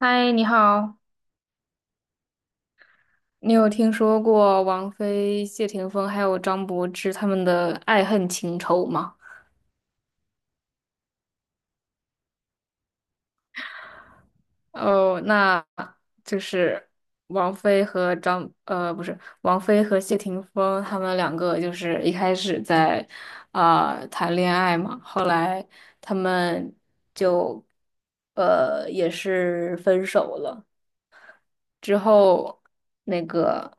嗨，你好，你有听说过王菲、谢霆锋还有张柏芝他们的爱恨情仇吗？哦，那就是王菲和张，呃，不是，王菲和谢霆锋他们两个就是一开始在谈恋爱嘛，后来他们就也是分手了。之后那个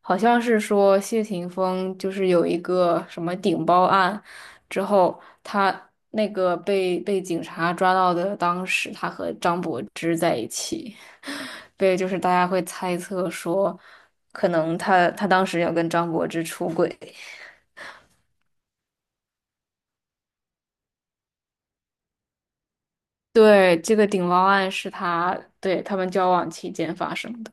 好像是说谢霆锋就是有一个什么顶包案，之后他那个被警察抓到的，当时他和张柏芝。对，就是大家会猜测说，可能他当时要跟张柏芝出轨。对，这个顶包案是他对他们交往期间发生的。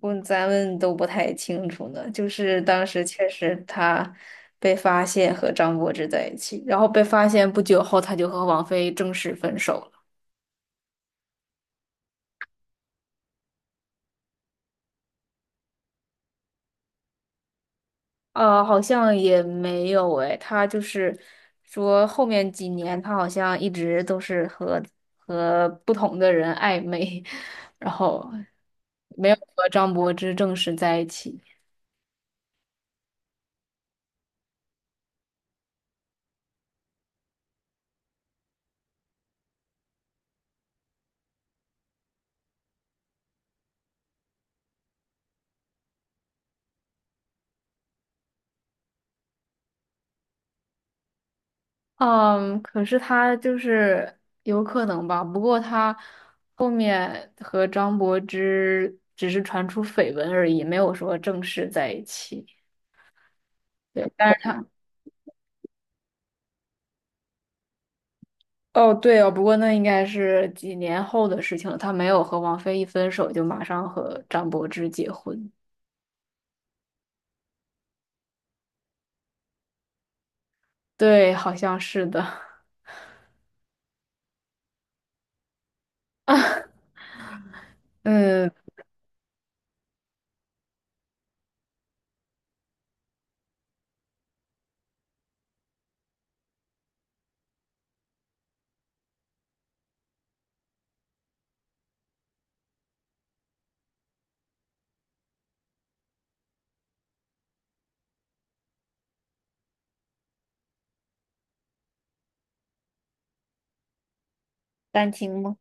咱们都不太清楚呢，就是当时确实他被发现和张柏芝在一起，然后被发现不久后，他就和王菲正式分手了。好像也没有诶，他就是说后面几年他好像一直都是和不同的人暧昧，然后没有和张柏芝正式在一起。嗯，可是他就是有可能吧，不过他后面和张柏芝只是传出绯闻而已，没有说正式在一起。对，但是他，哦，对哦，不过那应该是几年后的事情了，他没有和王菲一分手就马上和张柏芝结婚。对，好像是的。嗯，单亲吗？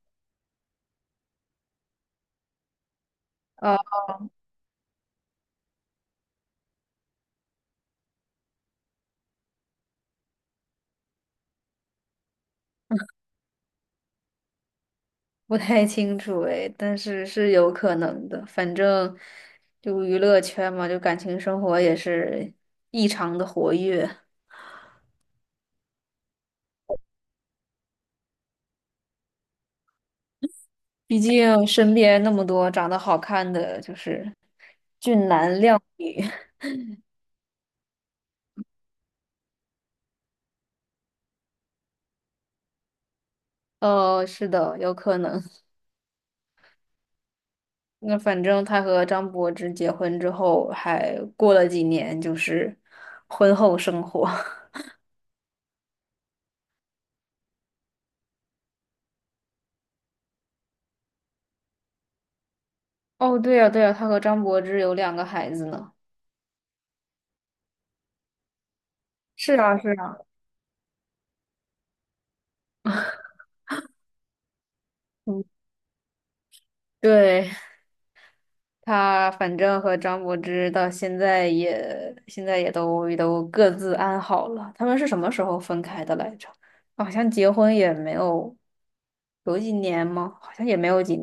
不太清楚哎，但是是有可能的。反正就娱乐圈嘛，就感情生活也是异常的活跃。毕竟身边那么多长得好看的，就是俊男靓女。哦，是的，有可能。那反正他和张柏芝结婚之后，还过了几年，就是婚后生活。哦，对呀，对呀，他和张柏芝有两个孩子呢。是啊，是啊，嗯，对。他反正和张柏芝到现在也都各自安好了。他们是什么时候分开的来着？好像结婚也没有有几年吗？好像也没有几。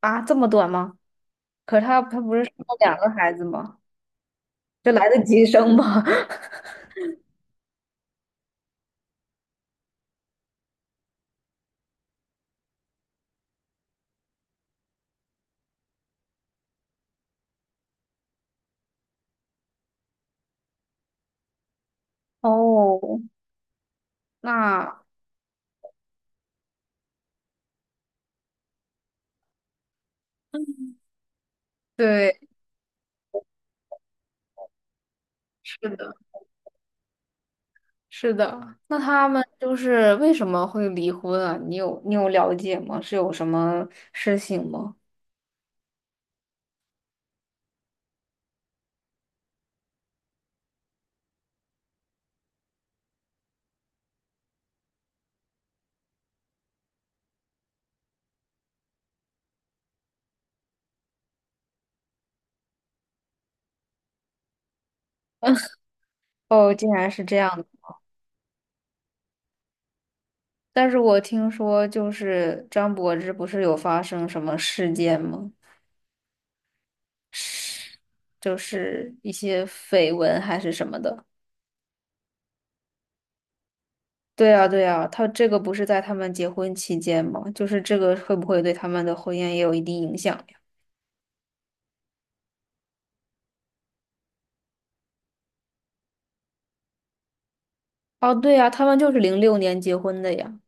啊，这么短吗？可是他不是生了两个孩子吗？这来得及生吗？哦，那对，是的，是的。那他们就是为什么会离婚啊？你有了解吗？是有什么事情吗？哦，竟然是这样。但是我听说就是张柏芝不是有发生什么事件吗？是，就是一些绯闻还是什么的。对啊，对啊，他这个不是在他们结婚期间吗？就是这个会不会对他们的婚姻也有一定影响呀？哦，对呀，他们就是06年结婚的呀，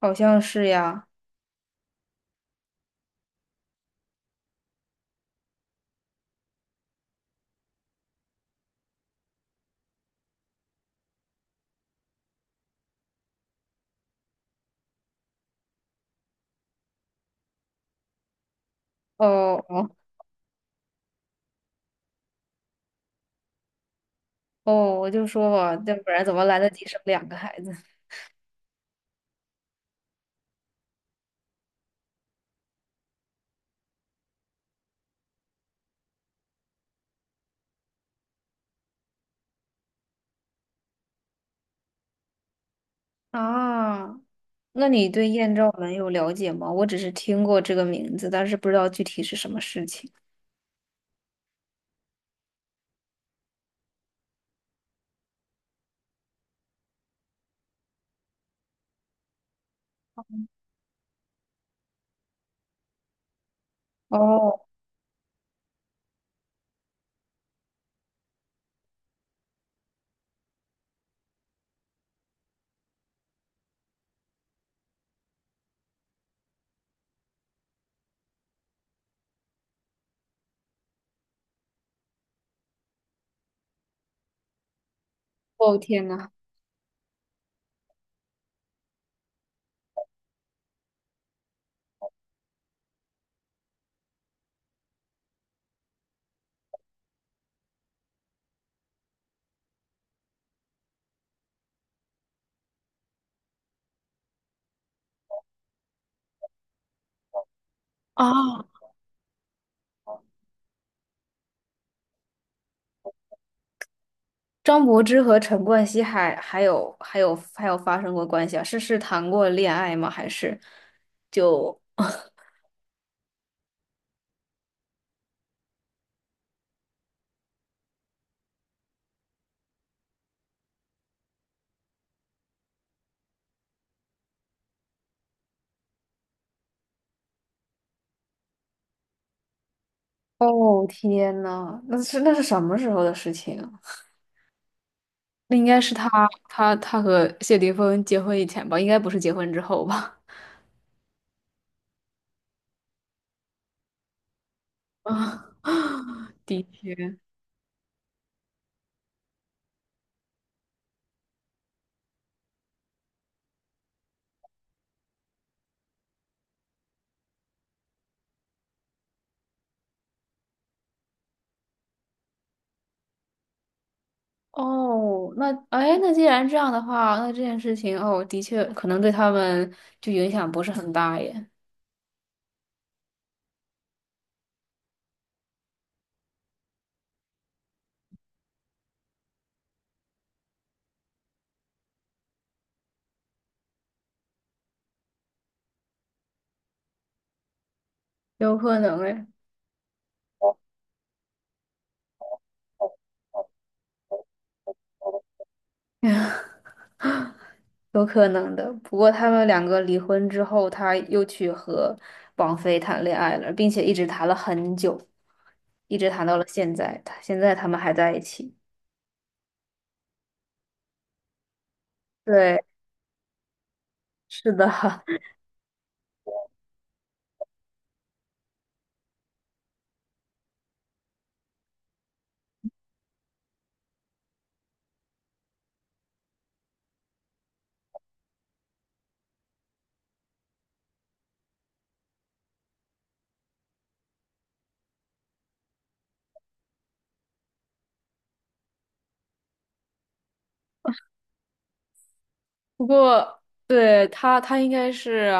好像是呀。哦哦哦，我就说吧，要不然怎么来得及生两个孩子 啊？那你对艳照门有了解吗？我只是听过这个名字，但是不知道具体是什么事情。哦，哦天呐！啊，张柏芝和陈冠希还有发生过关系啊？是谈过恋爱吗？还是就？哦天呐，那是什么时候的事情啊？那应该是他和谢霆锋结婚以前吧，应该不是结婚之后吧？啊，的确。哦，那哎，那既然这样的话，那这件事情哦，的确可能对他们就影响不是很大耶，有可能哎，有可能的。不过他们两个离婚之后，他又去和王菲谈恋爱了，并且一直谈了很久，一直谈到了现在。他现在他们还在一起。对，是的。不过，对他，他应该是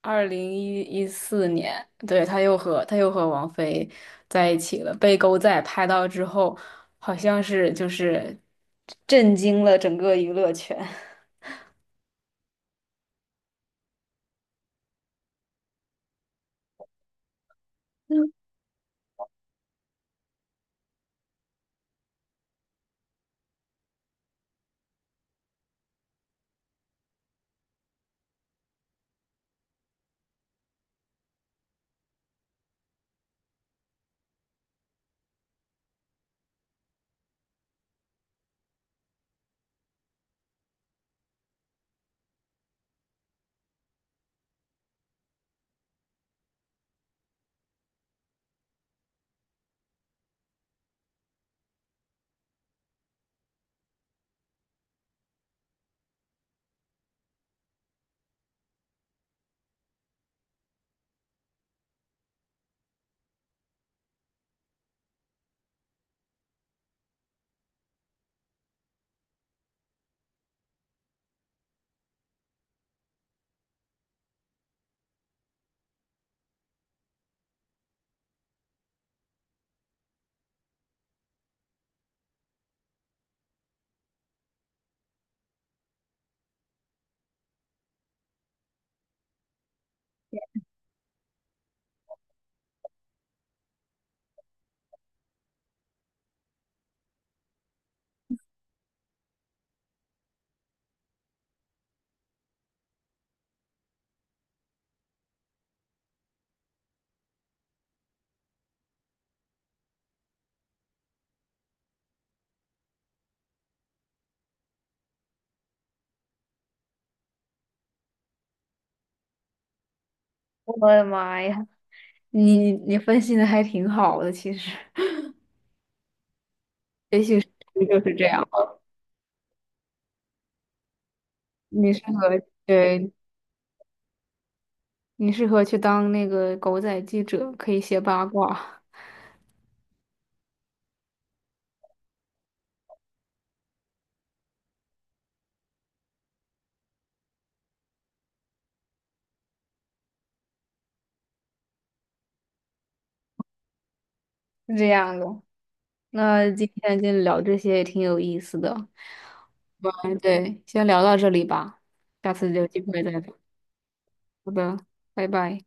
二零一一四年，对，他又和王菲在一起了，被狗仔拍到之后，好像是就是震惊了整个娱乐圈。我的妈呀，你分析的还挺好的，其实，也许是就是这样吧你适合，对，你适合去当那个狗仔记者，可以写八卦，是这样的。那今天就聊这些也挺有意思的。嗯，对，先聊到这里吧，下次有机会再聊。好的，拜拜。